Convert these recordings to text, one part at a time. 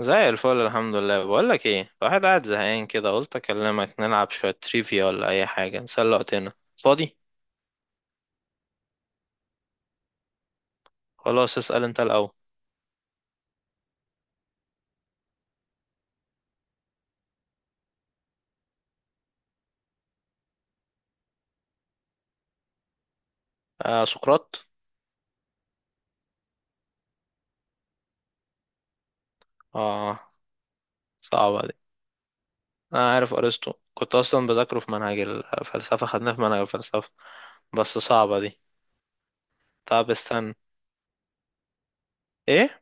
زي الفل، الحمد لله. بقول لك ايه، الواحد قاعد زهقان كده، قلت اكلمك نلعب شويه تريفيا ولا اي حاجه نسلي وقتنا فاضي. خلاص، اسال انت الاول. آه، سقراط. اه، صعبه دي. انا عارف ارسطو، كنت اصلا بذاكره في منهج الفلسفه، خدناه في منهج الفلسفه. بس صعبه دي. طب استنى. ايه؟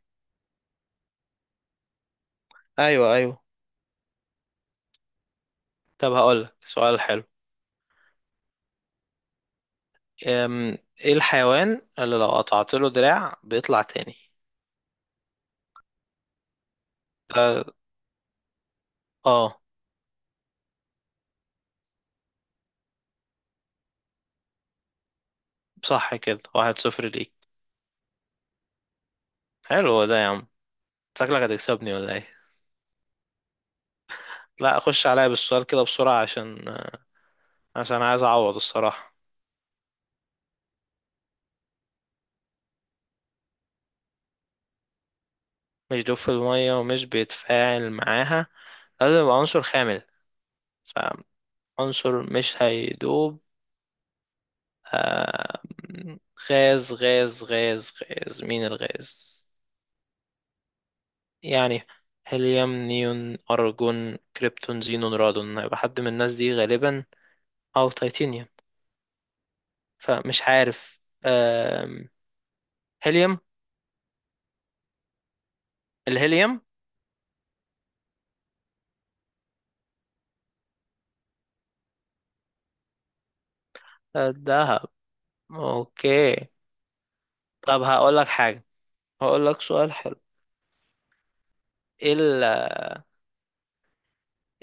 ايوه، ايوه. طب هقول لك سؤال حلو. أم، ايه الحيوان اللي لو قطعت له دراع بيطلع تاني؟ ده- اه. صح، كده واحد صفر ليك. حلو ده يا عم، شكلك هتكسبني ولا ايه؟ لا، اخش عليا بالسؤال كده بسرعة، عشان عايز اعوض الصراحة. مش دوب في المية ومش بيتفاعل معاها، لازم يبقى عنصر خامل، فعنصر مش هيدوب. آه، غاز غاز غاز غاز مين الغاز يعني؟ هيليوم، نيون، أرجون، كريبتون، زينون، رادون، هيبقى حد من الناس دي غالبا، أو تيتانيوم، فمش عارف. آم، هيليوم. الهيليوم. الذهب. اوكي. طب هقول لك حاجة، هقول لك سؤال حلو. ايه ال-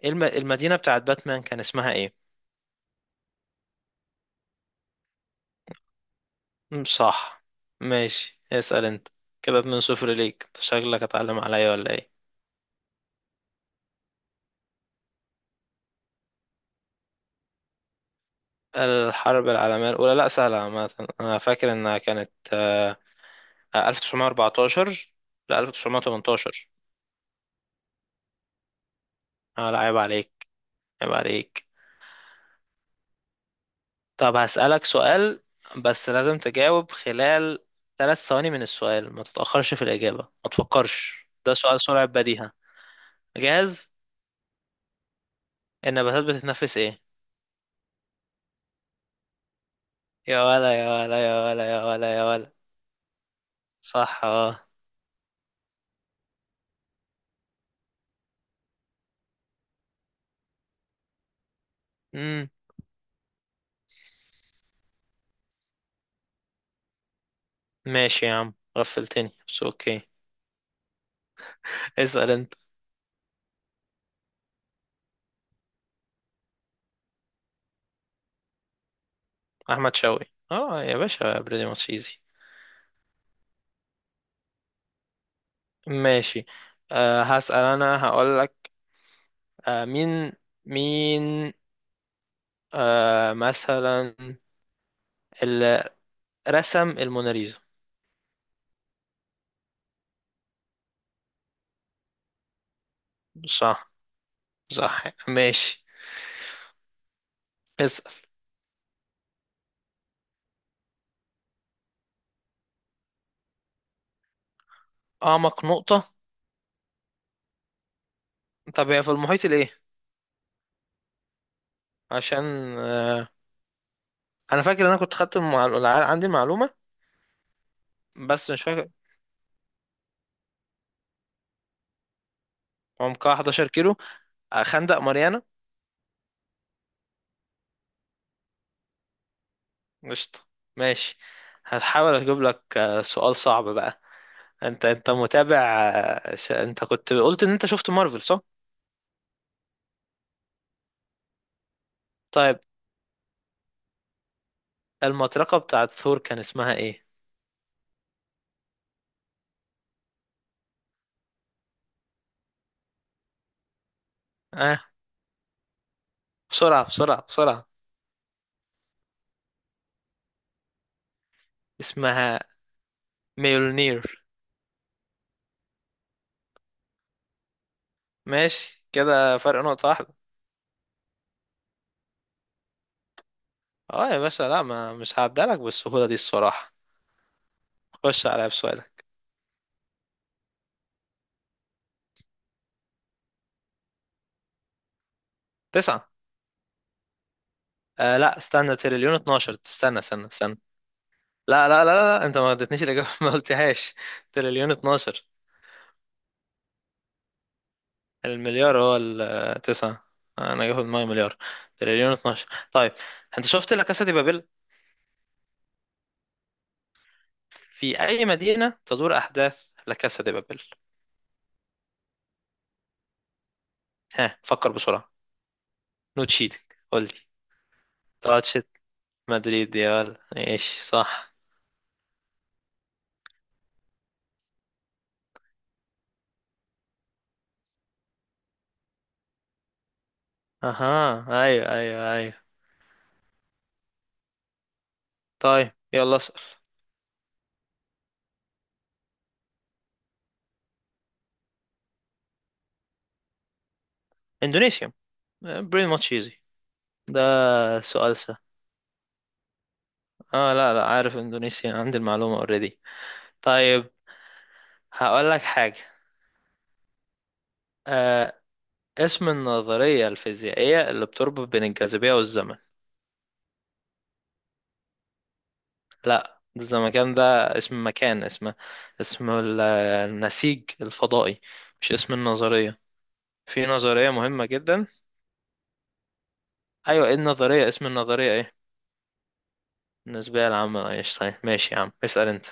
إيه المدينة بتاعت باتمان كان اسمها ايه؟ مم، صح. ماشي، اسأل انت. كده 2 صفر ليك، أنت شكلك اتعلم عليا ولا ايه؟ الحرب العالمية الأولى؟ لا، سهلة عامة. أنا فاكر إنها كانت 1914 ل 1918. آه، لا، عيب عليك، عيب عليك. طب هسألك سؤال، بس لازم تجاوب خلال 3 ثواني من السؤال، ما تتأخرش في الإجابة، ما تفكرش، ده سؤال سرعة بديهة. جاهز؟ النباتات بتتنفس ايه؟ يا ولا، يا ولا، يا ولا، يا ولا، يا ولا. صح، اه. امم ماشي يا عم، غفلتني، بس اوكي. اسأل انت. احمد شوقي. اه يا باشا، بريدي ماتش ايزي. ماشي. هسأل انا، هقول لك. أه مين مين مثلا، اللي رسم الموناليزا. صح، صح. ماشي، اسأل. اعمق نقطة؟ طب هي في المحيط الايه؟ عشان أه انا فاكر ان انا كنت خدت عندي المعلومة، بس مش فاكر. عمقها 11 كيلو. خندق ماريانا. قشطة. ماشي. هحاول اجيب لك سؤال صعب بقى. انت متابع؟ انت كنت قلت ان انت شفت مارفل، صح؟ طيب، المطرقة بتاعت ثور كان اسمها ايه؟ اه، بسرعة بسرعة بسرعة. اسمها ميولنير. ماشي، كده فرق نقطة واحدة. اه يا باشا، لا، ما مش هعدلك بالسهولة دي الصراحة. خش عليا بسؤالك. 9. آه، لا، استنى، تريليون 12، استنى استنى استنى. لا، لا، لا، لا، انت ما اديتنيش الاجابه ما قلتهاش. تريليون 12. المليار هو 9، انا جاي في دماغي مليار. تريليون 12. طيب، انت شفت لا كاسا دي بابل؟ في اي مدينه تدور احداث لا كاسا دي بابل؟ ها، فكر بسرعه، نو تشيتنج، قول لي. تاتشت. مدريد، يا ولد ايش، صح. اها، ايوه، ايوه، ايوه. طيب، يلا اسال. اندونيسيا، بريم ماتش ايزي، ده سؤال سهل. اه، لا، لا، عارف اندونيسيا، عندي المعلومه اوريدي. طيب، هقول لك حاجة. آه اسم النظرية الفيزيائية اللي بتربط بين الجاذبية والزمن؟ لا، الزمكان ده اسم مكان، اسم، اسم النسيج الفضائي، مش اسم النظرية. في نظرية مهمة جدا. أيوة، ايه النظرية، اسم النظرية ايه؟ النسبية العامة لأينشتاين. ماشي يا عم، اسأل انت.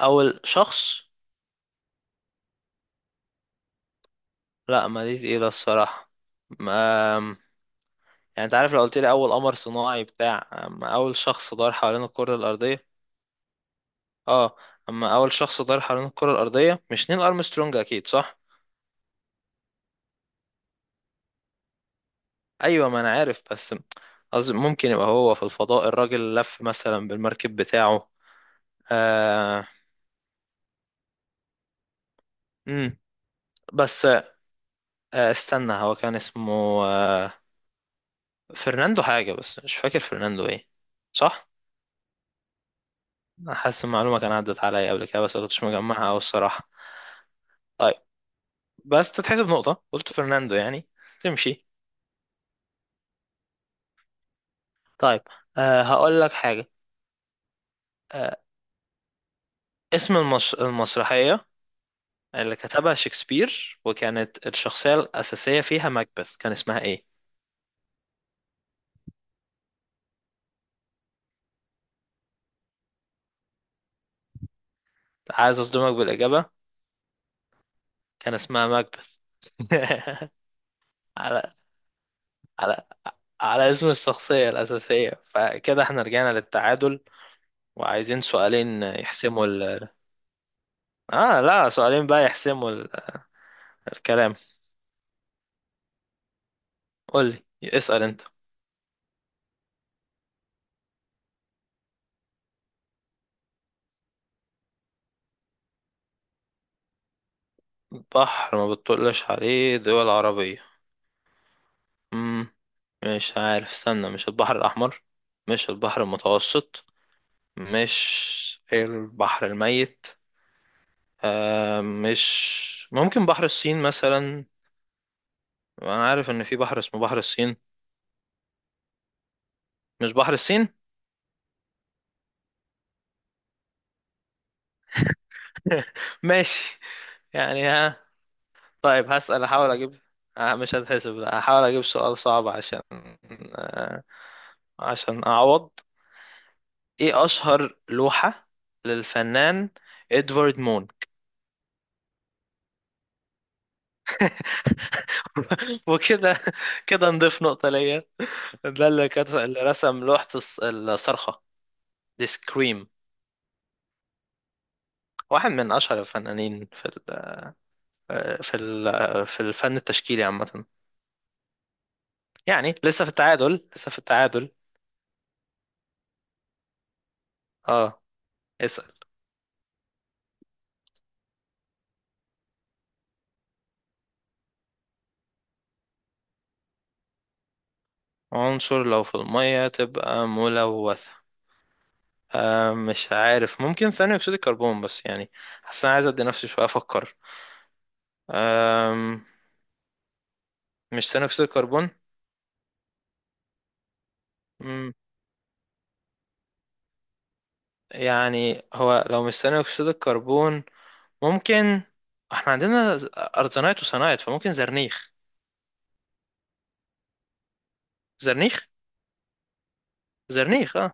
أول شخص؟ لا، ما دي تقيلة الصراحة. ما، يعني انت عارف، لو قلت لي أول قمر صناعي بتاع، أما أول شخص دار حوالين الكرة الأرضية. اه. اما اول شخص طار حوالين الكرة الارضية، مش نيل ارمسترونج اكيد، صح؟ ايوه، ما انا عارف، بس قصدي ممكن يبقى هو في الفضاء، الراجل لف مثلا بالمركب بتاعه. آه امم بس، استنى، هو كان اسمه آه فرناندو حاجة، بس مش فاكر فرناندو ايه. صح. أنا حاسس المعلومة كان عدت عليا قبل كده، بس ما كنتش مجمعها أوي الصراحة. طيب، بس تتحسب نقطة، قلت فرناندو يعني. تمشي. طيب. هقول لك حاجة. آه اسم المسرحية اللي كتبها شكسبير، وكانت الشخصية الأساسية فيها ماكبث، كان اسمها إيه؟ عايز أصدمك بالإجابة، كان اسمها ماكبث. على على على اسم الشخصية الأساسية، فكده احنا رجعنا للتعادل، وعايزين سؤالين يحسموا ال. لا، سؤالين بقى يحسموا ال، الكلام. قول لي، اسأل أنت. بحر ما بتطلش عليه دول عربية؟ مم. مش عارف، استنى، مش البحر الأحمر؟ مش البحر المتوسط؟ مش البحر الميت؟ مش ممكن بحر الصين مثلا؟ انا عارف ان في بحر اسمه بحر الصين. مش بحر الصين؟ ماشي يعني، ها. طيب، هسأل، احاول اجيب. مش هتحسب، لا هحاول اجيب سؤال صعب، عشان آه عشان اعوض. ايه اشهر لوحة للفنان ادوارد مون؟ وكده. كده نضيف نقطة ليا. ده اللي اللي رسم لوحة الصرخة، دي سكريم. واحد من أشهر الفنانين في ال، في الفن التشكيلي عامة. يعني لسه في التعادل، لسه في التعادل. اه، اسأل. عنصر لو في المية تبقى ملوثة؟ مش عارف، ممكن ثاني أكسيد الكربون، بس يعني حاسس أنا عايز أدي نفسي شوية أفكر. آه مش ثاني أكسيد الكربون. مم، يعني هو لو مش ثاني أكسيد الكربون، ممكن، احنا عندنا ارتينايت وصنايت، فممكن زرنيخ، زرنيخ، زرنيخ. اه.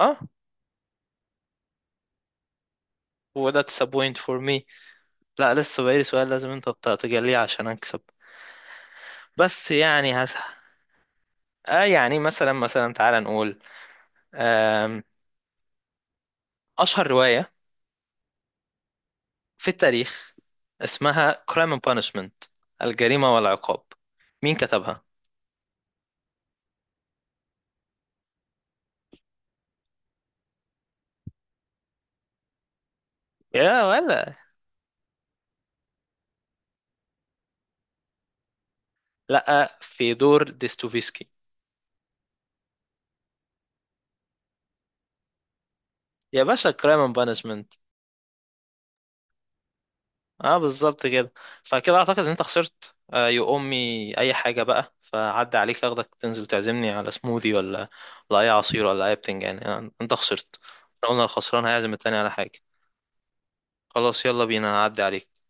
اه. وذاتس a point for me. لا، لسه بقالي سؤال لازم انت تجليه عشان اكسب. بس يعني هسه، يعني مثلا، مثلا تعال نقول، آم، اشهر رواية في التاريخ اسمها Crime and Punishment، الجريمة والعقاب، مين كتبها؟ يا ولا، لا، في دور ديستوفيسكي، يا باشا Crime and Punishment. اه، بالظبط كده. فكده اعتقد ان انت خسرت، يو امي اي حاجه بقى، فعدى عليك اخدك تنزل تعزمني على سموذي، ولا ولا اي عصير ولا اي بتنجان، يعني انت خسرت. احنا قلنا الخسران هيعزم التاني على حاجه. خلاص يلا بينا، هعدي عليك.